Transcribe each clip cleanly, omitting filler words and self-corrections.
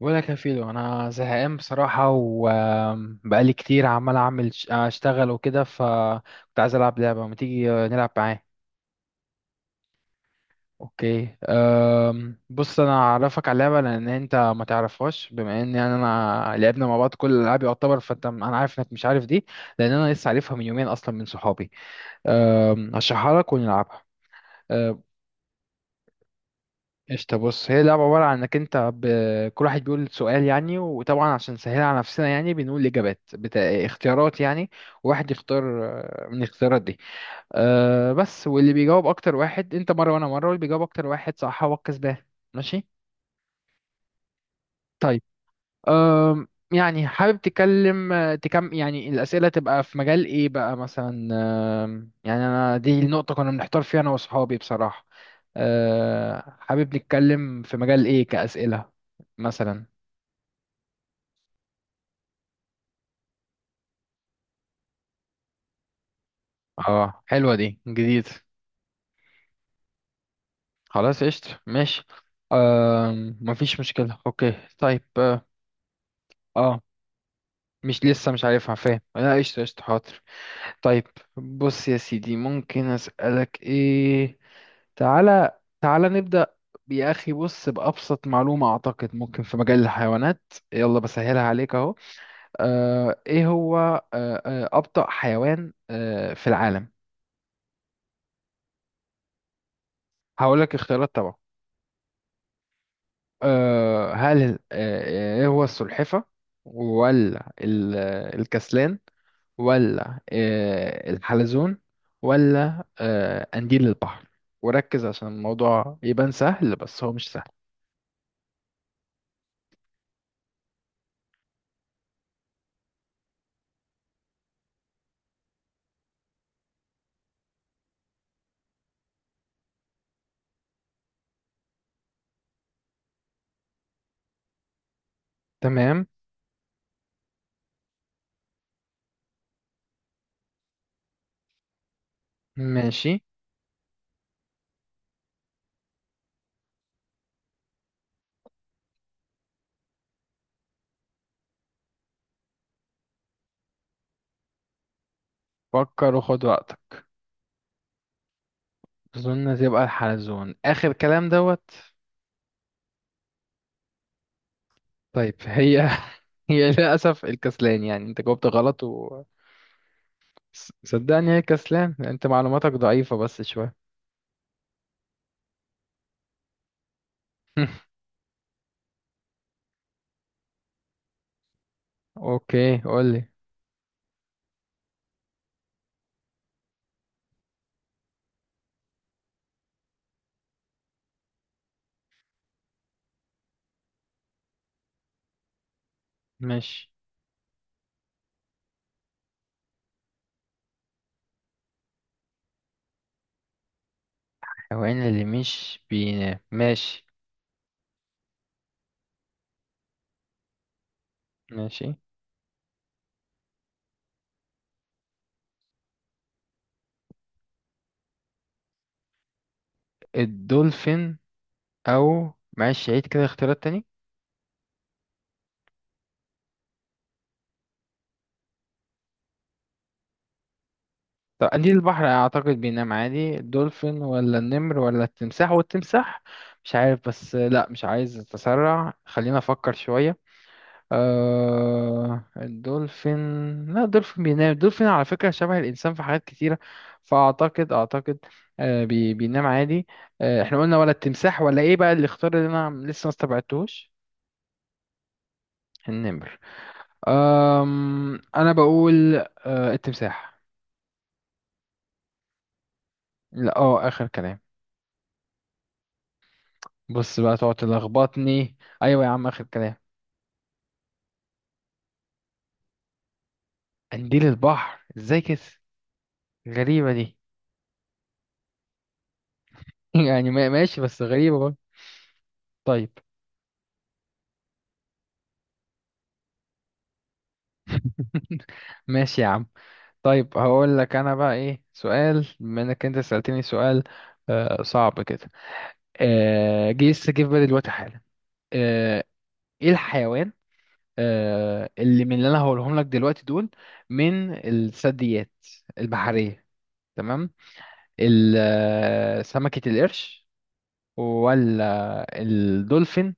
ولا كفيلو، انا زهقان بصراحه وبقالي كتير عمال اعمل اشتغل وكده، فكنت عايز العب لعبه. ما تيجي نلعب معاه؟ اوكي. بص، انا اعرفك على اللعبه لان انت ما تعرفهاش، بما ان يعني انا لعبنا مع بعض كل الالعاب يعتبر، فانت انا عارف انك مش عارف دي. لان انا لسه عارفها من يومين اصلا من صحابي. هشرحها لك ونلعبها. آه، قشطة. بص، هي اللعبة عبارة عن انك انت كل واحد بيقول سؤال يعني، وطبعا عشان نسهلها على نفسنا يعني بنقول اختيارات يعني، وواحد يختار من الاختيارات دي. بس، واللي بيجاوب اكتر واحد، انت مرة وانا مرة، واللي بيجاوب اكتر واحد صح هو الكسبان. ماشي. طيب. أم، يعني حابب تتكلم، يعني الأسئلة تبقى في مجال إيه بقى مثلا؟ يعني أنا دي النقطة كنا بنحتار فيها أنا وأصحابي بصراحة. حابب نتكلم في مجال إيه كأسئلة مثلا؟ اه، حلوة دي، جديد. خلاص قشطة ماشي. مفيش مشكلة، أوكي طيب آه، مش لسه مش عارفها، فاهم؟ لا قشطة قشطة حاضر. طيب. بص يا سيدي، ممكن أسألك إيه. تعالى تعالى نبدأ. يا أخي بص، بأبسط معلومة أعتقد ممكن في مجال الحيوانات، يلا بسهلها عليك أهو. إيه هو أبطأ حيوان في العالم؟ هقول لك اختيارات طبعا. آه هل آه آه، إيه هو، السلحفة، ولا الكسلان، ولا الحلزون، ولا قنديل البحر؟ وركز عشان الموضوع يبان سهل، بس هو مش سهل. تمام. ماشي. فكر وخد وقتك. أظن تبقى الحلزون آخر كلام دوت. طيب، هي هي للأسف الكسلان، يعني أنت جاوبت غلط و صدقني هي الكسلان، أنت معلوماتك ضعيفة بس شوية. أوكي قولي. ماشي. الحيوان اللي مش بينام، ماشي. ماشي. الدولفين، أو، معلش عيد كده اختيارات تاني. طب قليل البحر اعتقد بينام عادي، الدولفين ولا النمر ولا التمساح، والتمساح مش عارف، بس لا، مش عايز اتسرع، خلينا افكر شوية. أه الدولفين، لا الدولفين بينام، الدولفين على فكرة شبه الانسان في حاجات كتيرة، فاعتقد اعتقد بينام عادي. احنا قلنا ولا التمساح ولا ايه بقى الاختيار اللي انا لسه ما استبعدتهوش؟ النمر. انا بقول التمساح. لا اخر كلام. بص بقى تقعد تلخبطني، ايوه يا عم اخر كلام. قنديل البحر، ازاي كده؟ غريبه دي. يعني ماشي، بس غريبه برضه. طيب. ماشي يا عم. طيب هقول لك انا بقى ايه سؤال، بما انك انت سألتني سؤال. صعب كده. جه لسه، جه في بالي دلوقتي حالا. آه ايه الحيوان اللي، من اللي انا هقولهم لك دلوقتي دول، من الثدييات البحرية؟ تمام. سمكة القرش، ولا الدولفين،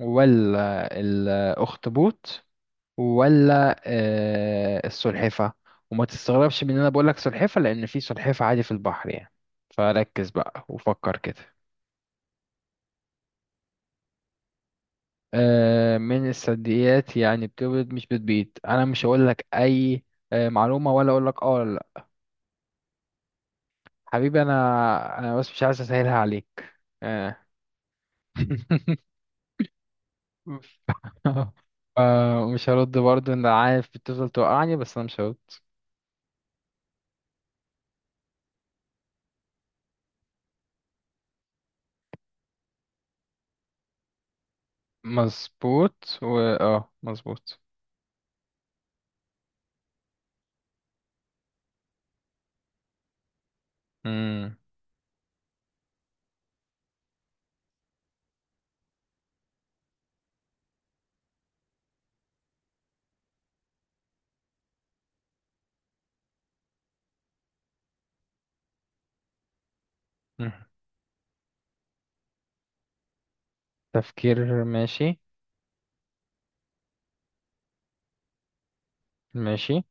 ولا الأخطبوط، ولا السلحفة. وما تستغربش من ان انا بقولك سلحفة لان في سلحفة عادي في البحر يعني. فركز بقى وفكر كده. آه، من الثدييات يعني بتولد مش بتبيض، انا مش هقولك اي معلومة، ولا اقولك ولا لا. حبيبي انا بس مش عايز اسهلها عليك. آه. آه، مش هرد برضه، انا عارف بتفضل توقعني بس انا مش هرد. مظبوط و مظبوط. مم. مم. تفكير، ماشي. ماشي،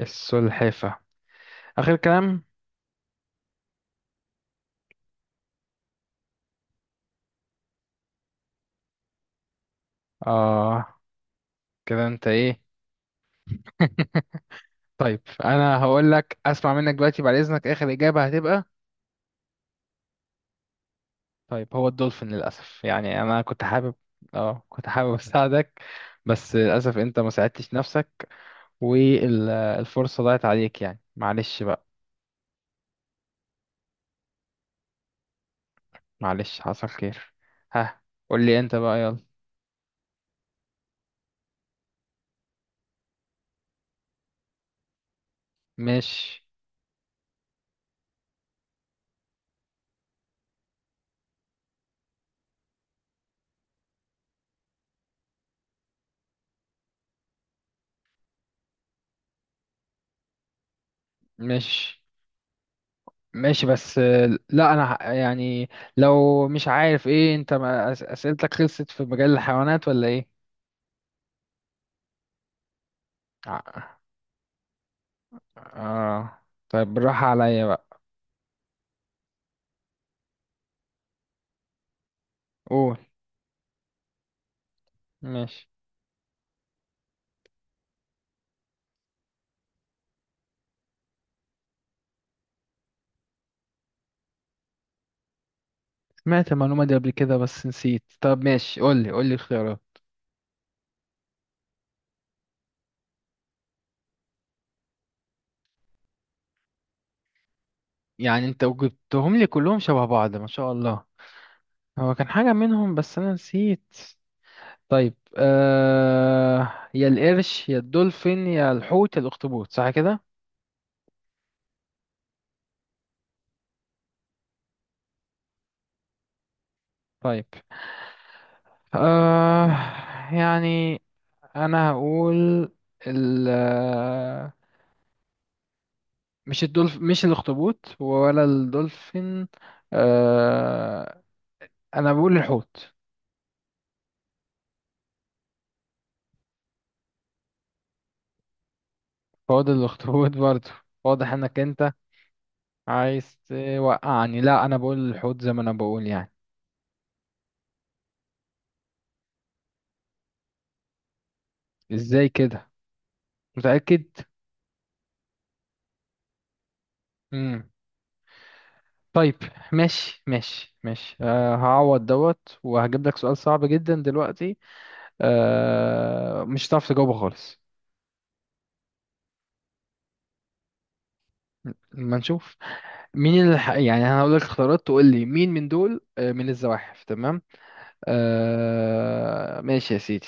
السلحفة آخر كلام. اه كده انت ايه؟ طيب انا هقول لك، اسمع منك دلوقتي بعد اذنك، اخر اجابة هتبقى. طيب هو الدولفين للاسف، يعني انا كنت حابب، اه كنت حابب اساعدك، بس للاسف انت ما ساعدتش نفسك، والفرصة ضاعت عليك يعني، معلش بقى. معلش حصل خير. ها، قول لي انت بقى يلا. ماشي ماشي ماشي، بس لا انا يعني، لو مش عارف ايه، انت ما أس- اسئلتك خلصت في مجال الحيوانات ولا ايه؟ ع- اه طيب بالراحة عليا بقى. قول. ماشي. سمعت المعلومة دي قبل كده بس نسيت، طب ماشي قول لي قول لي الخيارات. يعني انت جبتهم لي كلهم شبه بعض، ما شاء الله. هو كان حاجة منهم بس انا نسيت. طيب يا القرش يا الدولفين يا الحوت يا الاخطبوط صح كده؟ طيب. آه يعني انا هقول، ال مش مش الاخطبوط ولا الدولفين. آه انا بقول الحوت. هو ده الاخطبوط برضه، واضح انك انت عايز توقعني، لا انا بقول الحوت زي ما انا بقول يعني. ازاي كده؟ متأكد؟ امم طيب. ماشي ماشي ماشي هعوض دوت وهجيب لك سؤال صعب جدا دلوقتي. آه، مش هتعرف تجاوبه خالص. ما نشوف. مين اللي يعني انا هقول لك اختيارات تقول لي مين من دول، آه، من الزواحف. تمام. ماشي يا سيدي.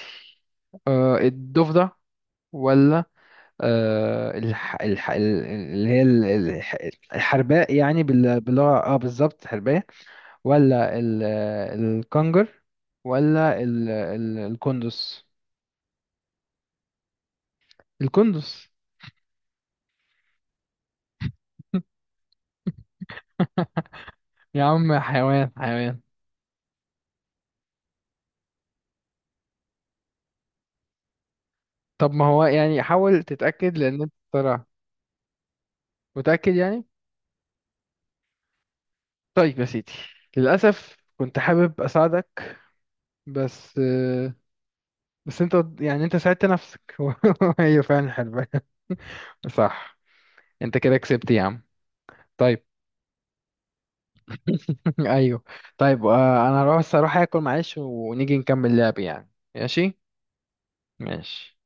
الضفدع، ولا آه الح... الح... ال- اللي هي ال- الح... الحرباء يعني باللغة بالظبط حرباء، ولا الكنجر، ولا الكندس. الكندس، يا عم حيوان حيوان. طب ما هو يعني حاول تتأكد لأن أنت طلع. متأكد يعني. طيب يا سيدي، للأسف كنت حابب أساعدك، بس بس أنت يعني أنت ساعدت نفسك. هي فعلا حلوة. صح، أنت كده كسبت يا عم. طيب. أيوه. طيب أنا هروح بس أروح آكل معلش ونيجي نكمل لعب يعني، ماشي؟ ماشي.